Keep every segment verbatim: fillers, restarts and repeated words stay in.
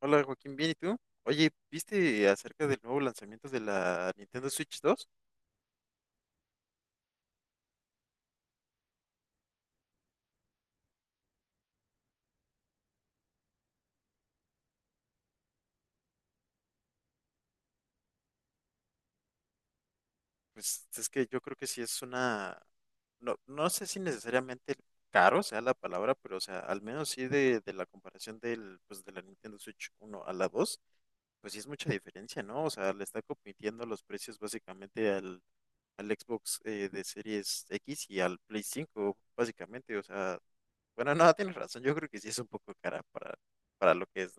Hola Joaquín, bien, ¿y tú? Oye, ¿viste acerca del nuevo lanzamiento de la Nintendo Switch dos? Pues es que yo creo que sí es una, no, no sé si necesariamente caro sea la palabra, pero o sea, al menos sí de, de la comparación del, pues, de la Nintendo Switch uno a la dos, pues sí es mucha diferencia, ¿no? O sea, le está compitiendo los precios básicamente al, al Xbox eh, de Series X y al Play cinco, básicamente, o sea, bueno, no, tienes razón, yo creo que sí es un poco cara para, para lo que es,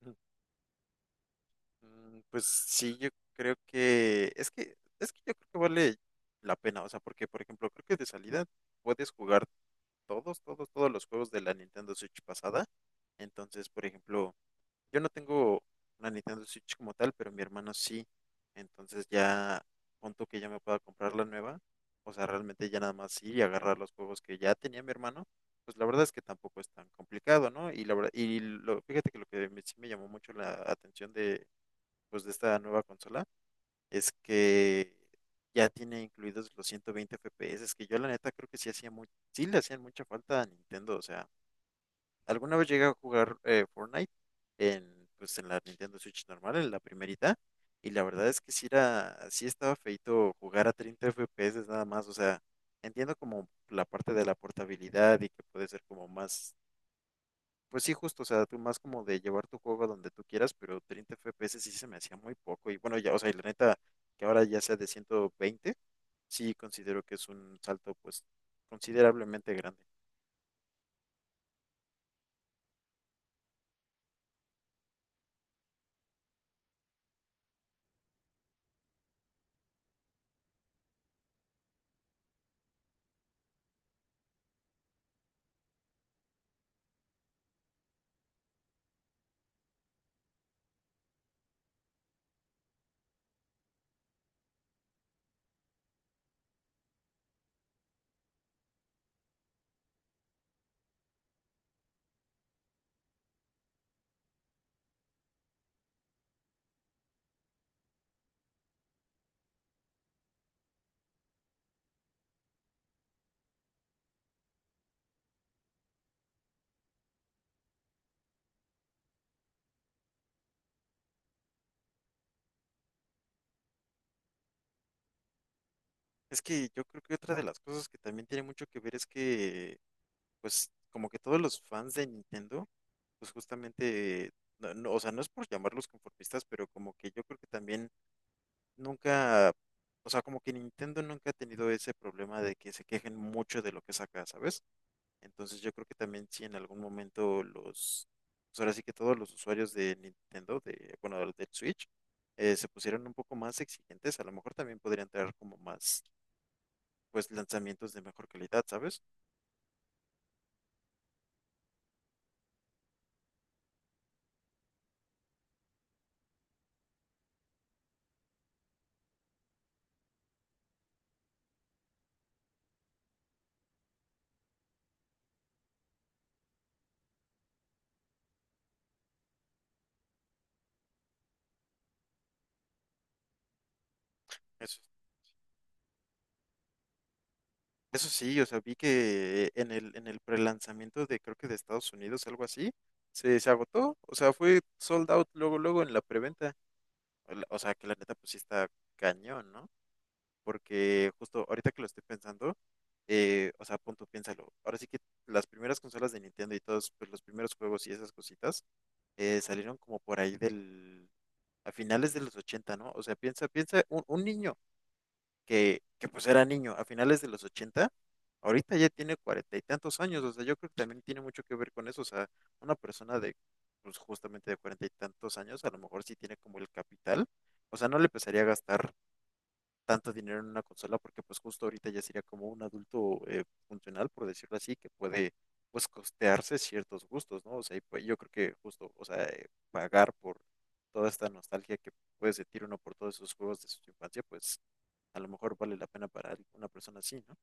¿no? Mm, pues sí, yo creo que es que es que yo creo que vale la pena, o sea, porque por ejemplo, creo que de salida puedes jugar todos, todos, todos los juegos de la Nintendo Switch pasada. Entonces, por ejemplo, yo no tengo una Nintendo Switch como tal, pero mi hermano sí. Entonces ya punto que ya me pueda comprar la nueva, o sea, realmente ya nada más ir y agarrar los juegos que ya tenía mi hermano, pues la verdad es que tampoco es tan complicado, ¿no? Y la verdad, y lo, fíjate que lo que me, sí me llamó mucho la atención de pues de esta nueva consola es que ya tiene incluidos los ciento veinte F P S, es que yo la neta creo que sí hacía muy, sí le hacían mucha falta a Nintendo, o sea, alguna vez llegué a jugar eh, Fortnite en pues en la Nintendo Switch normal, en la primerita, y la verdad es que sí era, sí estaba feito jugar a treinta F P S nada más, o sea, entiendo como la parte de la portabilidad y que puede ser como más pues sí, justo, o sea, tú más como de llevar tu juego a donde tú quieras, pero treinta F P S sí se me hacía muy poco. Y bueno, ya, o sea, y la neta, que ahora ya sea de ciento veinte sí considero que es un salto, pues, considerablemente grande. Es que yo creo que otra de las cosas que también tiene mucho que ver es que, pues, como que todos los fans de Nintendo, pues justamente, no, no, o sea, no es por llamarlos conformistas, pero como que yo creo que también nunca, o sea, como que Nintendo nunca ha tenido ese problema de que se quejen mucho de lo que saca, ¿sabes? Entonces yo creo que también si en algún momento los, pues ahora sí que todos los usuarios de Nintendo, de, bueno, del del Switch, eh, se pusieran un poco más exigentes, a lo mejor también podrían traer como más, pues, lanzamientos de mejor calidad, ¿sabes? Eso, eso sí, o sea, vi que en el, en el prelanzamiento de, creo que de Estados Unidos, algo así, se, se agotó, o sea, fue sold out luego, luego en la preventa, o la- o sea, que la neta pues sí está cañón, ¿no? Porque justo ahorita que lo estoy pensando, eh, o sea, punto, piénsalo. Ahora sí que las primeras consolas de Nintendo y todos pues, los primeros juegos y esas cositas eh, salieron como por ahí del, a finales de los ochenta, ¿no? O sea, piensa, piensa, un, un niño que, que pues era niño a finales de los ochenta ahorita ya tiene cuarenta y tantos años, o sea, yo creo que también tiene mucho que ver con eso, o sea, una persona de, pues justamente de cuarenta y tantos años, a lo mejor sí tiene como el capital, o sea, no le empezaría a gastar tanto dinero en una consola porque pues justo ahorita ya sería como un adulto eh, funcional, por decirlo así, que puede pues costearse ciertos gustos, ¿no? O sea, y pues yo creo que justo, o sea, eh, pagar por toda esta nostalgia que puede sentir uno por todos esos juegos de su infancia, pues a lo mejor vale la pena para una persona así, ¿no?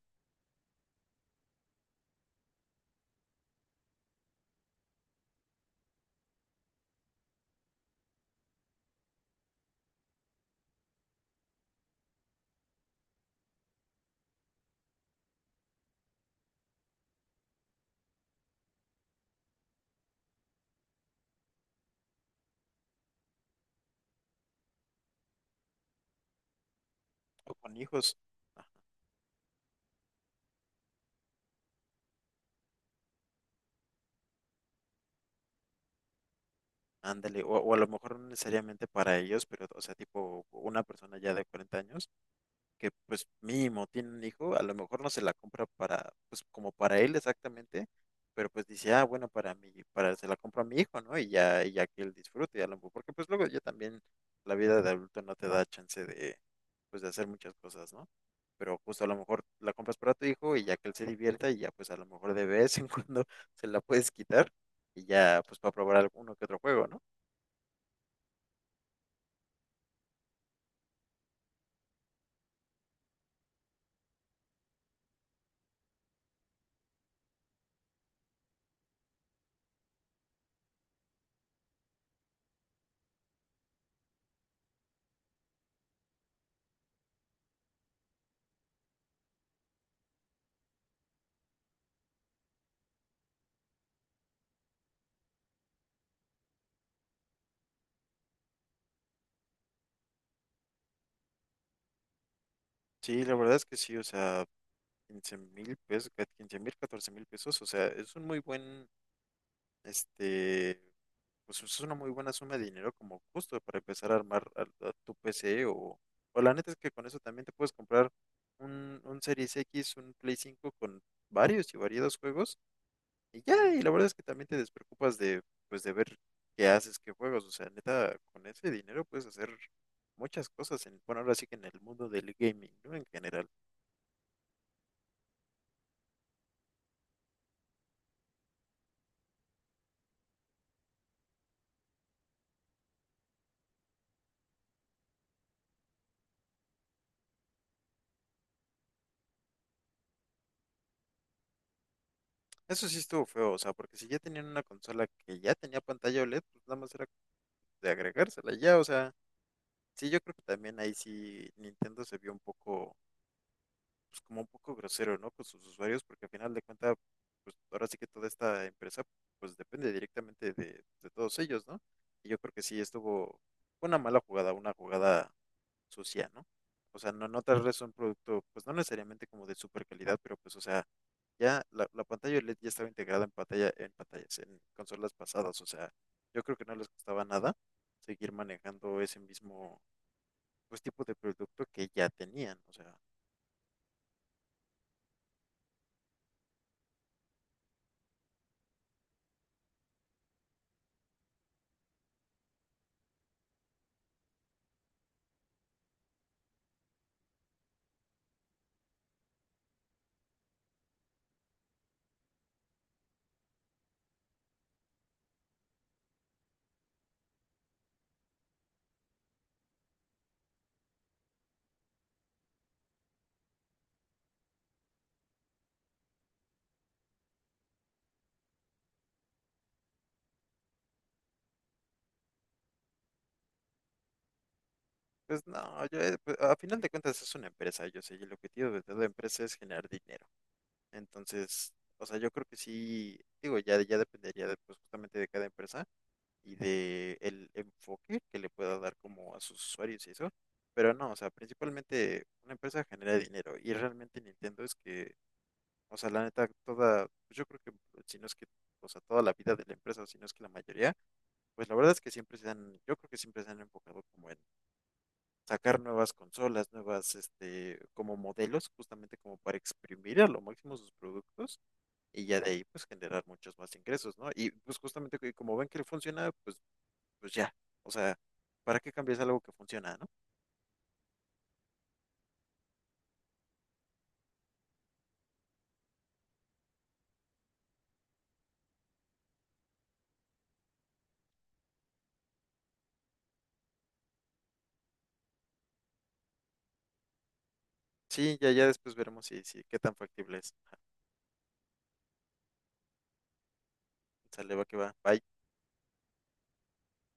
O con hijos, ajá, ándale, o, o a lo mejor no necesariamente para ellos, pero o sea, tipo una persona ya de cuarenta años que pues mínimo tiene un hijo, a lo mejor no se la compra para, pues como para él exactamente, pero pues dice, ah, bueno, para mí, para, se la compro a mi hijo, ¿no? Y ya, y ya que él disfrute, a lo mejor, porque pues luego ya también la vida de adulto no te da chance de, pues de hacer muchas cosas, ¿no? Pero justo a lo mejor la compras para tu hijo y ya que él se divierta y ya pues a lo mejor de vez en cuando se la puedes quitar y ya pues para probar alguno que otro juego, ¿no? Sí, la verdad es que sí, o sea, quince mil pesos, quince mil, catorce mil pesos, o sea, es un muy buen, este, pues es una muy buena suma de dinero como justo para empezar a armar a- a tu P C o, o la neta es que con eso también te puedes comprar un, un Series X, un Play cinco con varios y variados juegos y ya, y la verdad es que también te despreocupas de, pues de ver qué haces, qué juegos, o sea, neta, con ese dinero puedes hacer muchas cosas en, bueno, ahora sí que en el mundo del gaming, ¿no? En general. Eso sí estuvo feo, o sea, porque si ya tenían una consola que ya tenía pantalla O L E D, pues nada más era de agregársela ya, o sea, sí, yo creo que también ahí sí Nintendo se vio un poco, pues como un poco grosero, ¿no? Con sus usuarios, porque al final de cuentas, pues ahora sí que toda esta empresa, pues depende directamente de, de todos ellos, ¿no? Y yo creo que sí estuvo, fue una mala jugada, una jugada sucia, ¿no? O sea, no, no tal vez un producto, pues no necesariamente como de super calidad, pero pues, o sea, ya la, la pantalla L E D ya estaba integrada en pantalla, en pantallas, en consolas pasadas, o sea, yo creo que no les costaba nada seguir manejando ese mismo, pues, tipo de producto que ya tenían, o sea, pues no, yo, eh, pues, a final de cuentas es una empresa, yo sé, y el objetivo de toda empresa es generar dinero, entonces, o sea, yo creo que sí, digo, ya, ya dependería de, pues, justamente de cada empresa, y de el enfoque que le pueda dar como a sus usuarios y eso. Pero no, o sea, principalmente una empresa genera dinero y realmente Nintendo es que, o sea, la neta, toda, pues yo creo que si no es que, o sea, toda la vida de la empresa, o si no es que la mayoría, pues la verdad es que siempre se han, yo creo que siempre se han enfocado como en sacar nuevas consolas, nuevas, este, como modelos, justamente como para exprimir a lo máximo sus productos y ya de ahí pues generar muchos más ingresos, ¿no? Y pues justamente que como ven que funciona, pues pues ya, o sea, ¿para qué cambias algo que funciona, no? Sí, ya, ya después veremos si, si, qué tan factible es. Ajá. Sale, va que va. Bye.